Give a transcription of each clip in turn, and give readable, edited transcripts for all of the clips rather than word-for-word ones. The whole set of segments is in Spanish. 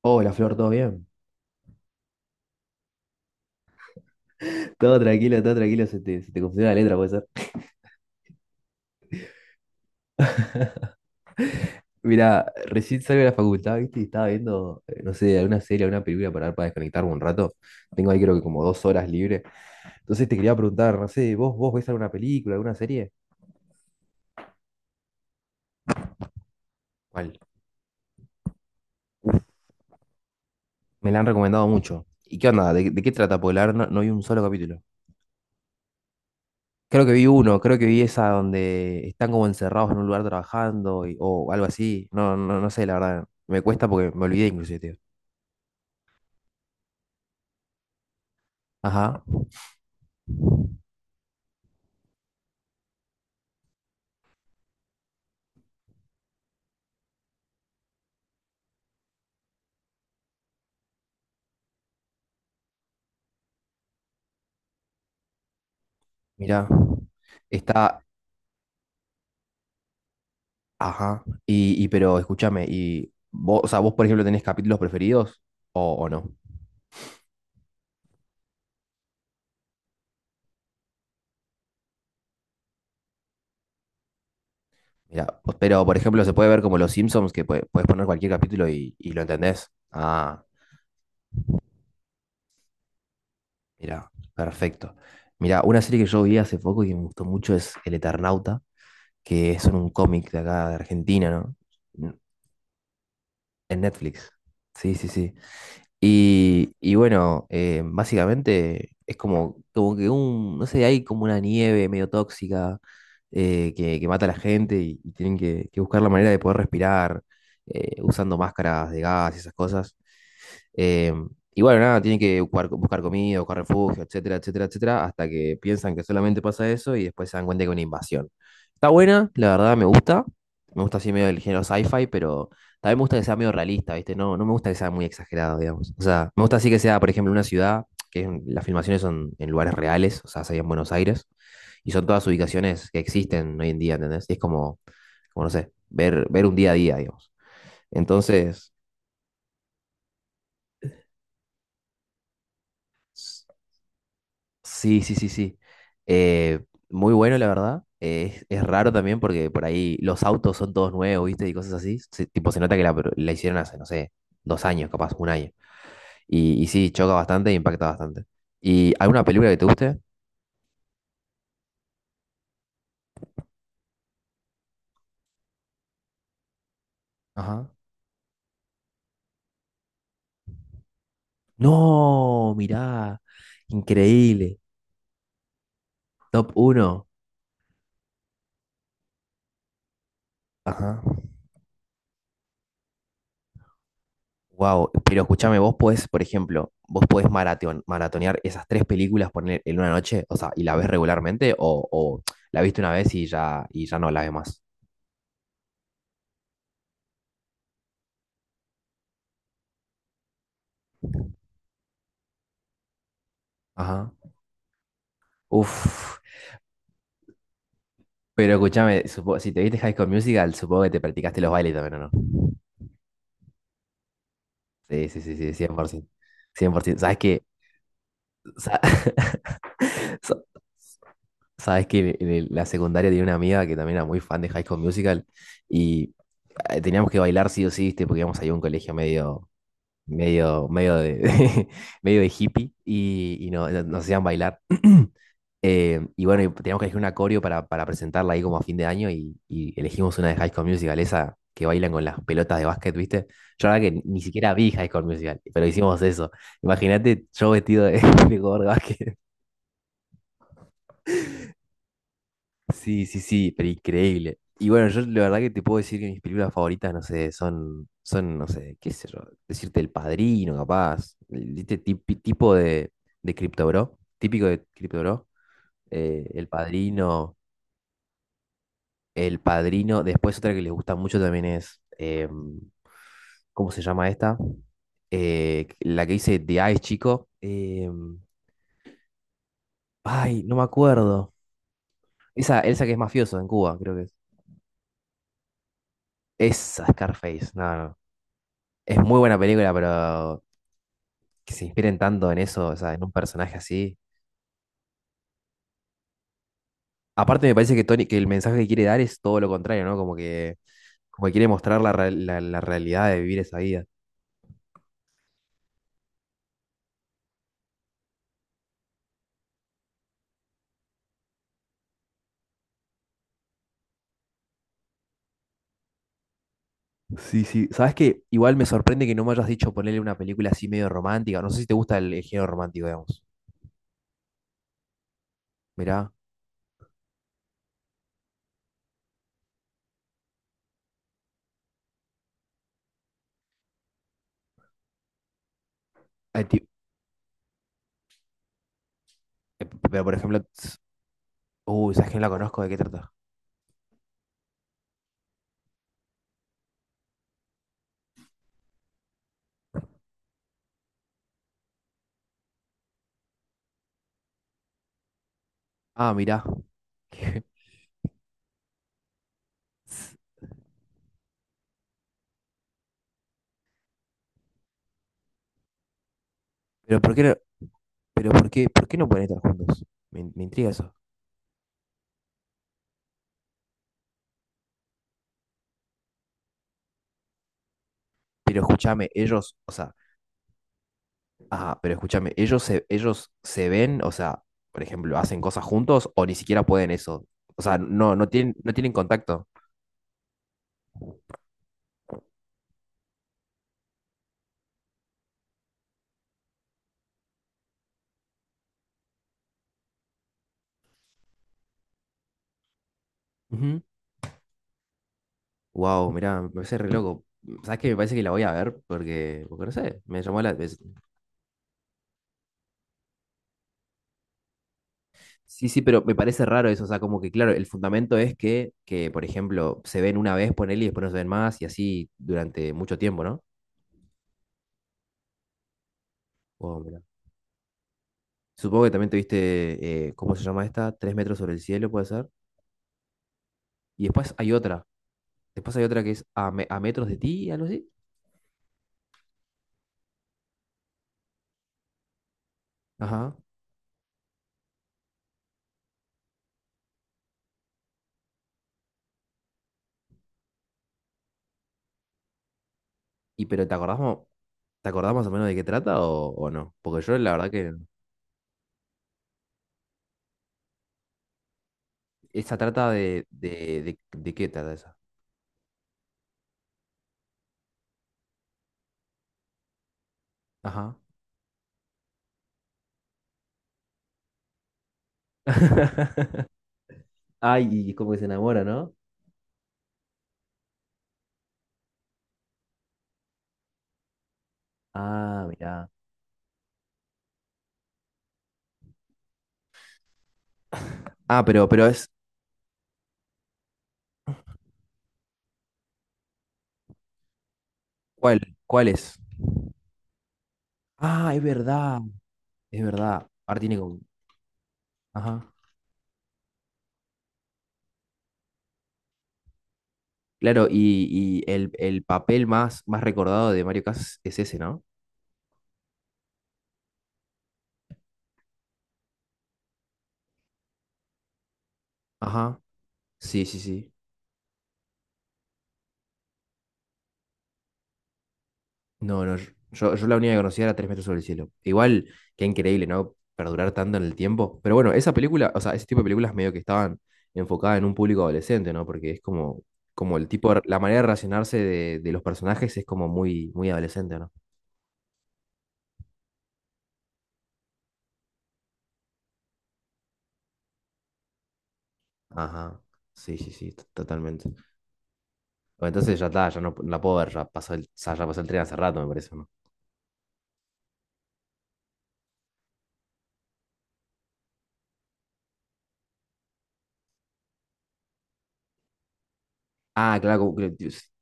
Hola Flor, ¿todo bien? Todo tranquilo, se te confundió la letra, puede ser. Mirá, recién salgo de la facultad, ¿viste? Y estaba viendo, no sé, alguna serie, alguna película para ver, para desconectarme un rato. Tengo ahí creo que como dos horas libre. Entonces te quería preguntar, no sé, ¿vos ves alguna película, alguna serie? ¿Cuál? Me la han recomendado mucho. ¿Y qué onda? ¿De qué trata? Porque la verdad no vi un solo capítulo. Creo que vi uno, creo que vi esa donde están como encerrados en un lugar trabajando o algo así. No, no, no sé, la verdad. Me cuesta porque me olvidé inclusive, tío. Ajá. Mira, está, ajá, pero escúchame, y vos, o sea, vos por ejemplo tenés capítulos preferidos o no. Mira, pues, pero por ejemplo se puede ver como los Simpsons que puedes poner cualquier capítulo y lo entendés. Ah, mira, perfecto. Mira, una serie que yo vi hace poco y que me gustó mucho es El Eternauta, que es un cómic de acá de Argentina, ¿no? En Netflix. Sí, sí, sí. Bueno, básicamente es como, como que un, no sé, hay como una nieve medio tóxica que mata a la gente y tienen que buscar la manera de poder respirar usando máscaras de gas y esas cosas. Eh, y bueno, nada, tienen que buscar, buscar comida, buscar refugio, etcétera, etcétera, etcétera, hasta que piensan que solamente pasa eso y después se dan cuenta que es una invasión. Está buena, la verdad me gusta. Me gusta así medio el género sci-fi, pero también me gusta que sea medio realista, ¿viste? No, no me gusta que sea muy exagerado, digamos. O sea, me gusta así que sea, por ejemplo, una ciudad, las filmaciones son en lugares reales, o sea, sería en Buenos Aires, y son todas ubicaciones que existen hoy en día, ¿entendés? Y es como, como no sé, ver, ver un día a día, digamos. Entonces, sí, sí, sí, sí. Eh, muy bueno, la verdad. Es raro también porque por ahí los autos son todos nuevos, ¿viste? Y cosas así. Tipo, se nota que la hicieron hace, no sé, dos años, capaz, un año. Sí, choca bastante e impacta bastante. ¿Y alguna película que te guste? Ajá. No, mirá. Increíble. Top uno. Ajá. Wow, pero escúchame, vos podés, por ejemplo, vos podés maratonear esas tres películas poner en una noche, o sea, y la ves regularmente, o la viste una vez y ya no la ves más. Ajá. Uf, pero escúchame, si te viste High School Musical, supongo que te practicaste los bailes también, ¿o no? Sí, sí, sí, sí, 100%. 100%. ¿Sabes qué? Sa- sa- ¿Sabes que en la secundaria tenía una amiga que también era muy fan de High School Musical y teníamos que bailar sí o sí, ¿viste? Porque íbamos ahí a un colegio medio, medio, medio de, medio de hippie y, nos hacían bailar. Y bueno, y teníamos que elegir una coreo para presentarla ahí como a fin de año y elegimos una de High School Musical, esa que bailan con las pelotas de básquet, ¿viste? Yo la verdad que ni siquiera vi High School Musical, pero hicimos eso. Imagínate yo vestido de, de jugador de básquet. Sí, sí, sí, pero increíble. Y bueno, yo la verdad que te puedo decir que mis películas favoritas, no sé, no sé, qué sé yo, decirte El Padrino, capaz, tipo de Crypto Bro, típico de Crypto Bro, El Padrino, El Padrino, después otra que les gusta mucho también es, ¿cómo se llama esta? La que dice The Ice Chico, ay, no me acuerdo, esa que es mafioso en Cuba, creo que es, esa Scarface, no, no. Es muy buena película, pero que se inspiren tanto en eso, o sea, en un personaje así. Aparte me parece que Tony, que el mensaje que quiere dar es todo lo contrario, ¿no? Como que quiere mostrar la realidad de vivir esa vida. Sí, sí. ¿Sabes qué? Igual me sorprende que no me hayas dicho ponerle una película así medio romántica. No sé si te gusta el género romántico, digamos. Mirá. Ay, ti- eh, Pero por ejemplo, tss, uy, ¿sabes que no la conozco? ¿De qué trata? Ah, mirá. Tss, pero ¿por qué no, ¿pero por qué no pueden estar juntos? Me intriga eso. Pero escúchame, ellos, o sea, ah, pero escúchame, ellos se ven, o sea, por ejemplo, hacen cosas juntos o ni siquiera pueden eso. O sea, no, no tienen contacto. Wow, mirá, me parece re loco. ¿Sabes qué? Me parece que la voy a ver porque, porque no sé, me llamó sí, sí, pero me parece raro eso. O sea, como que, claro, el fundamento es que por ejemplo, se ven una vez, ponele, y después no se ven más y así durante mucho tiempo, ¿no? Wow, mirá. Supongo que también tuviste, ¿cómo se llama esta? Tres metros sobre el cielo, puede ser. Y después hay otra. Después hay otra que es a metros de ti, algo así. Ajá. Y pero ¿te acordás, mo- Te acordás más o menos de qué trata o no? Porque yo la verdad que esa trata de qué trata esa. Ajá. Ay, y es como que se enamora, ¿no? Ah, mirá. Ah, pero, pero es, ¿Cuál? ¿Cuál es? Ah, es verdad, es verdad. Ahora tiene como... Ajá. Claro, y el papel más recordado de Mario Casas es ese, ¿no? Ajá. Sí, sí, sí. No, no, yo- Yo la única que conocía era Tres metros sobre el cielo. Igual, qué increíble, ¿no? Perdurar tanto en el tiempo. Pero bueno, esa película, o sea, ese tipo de películas medio que estaban enfocadas en un público adolescente, ¿no? Porque es como, como el tipo, la manera de relacionarse de los personajes es como muy adolescente, ¿no? Ajá. Sí, sí, sí, totalmente. Bueno, entonces ya está, no la puedo ver, ya pasó el, ya pasó el tren hace rato, me parece, ¿no? Dios.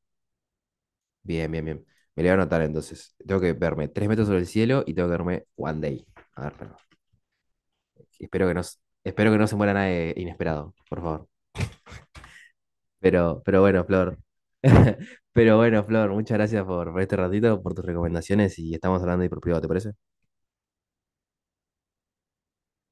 Bien, bien, bien. Me lo voy a anotar entonces. Tengo que verme Tres metros sobre el cielo y tengo que verme One Day. A ver, Espero que no, s- espero que no se muera nadie inesperado, por favor. Pero bueno, Flor. Pero bueno, Flor, muchas gracias por este ratito, por tus recomendaciones y estamos hablando ahí por privado, ¿te parece?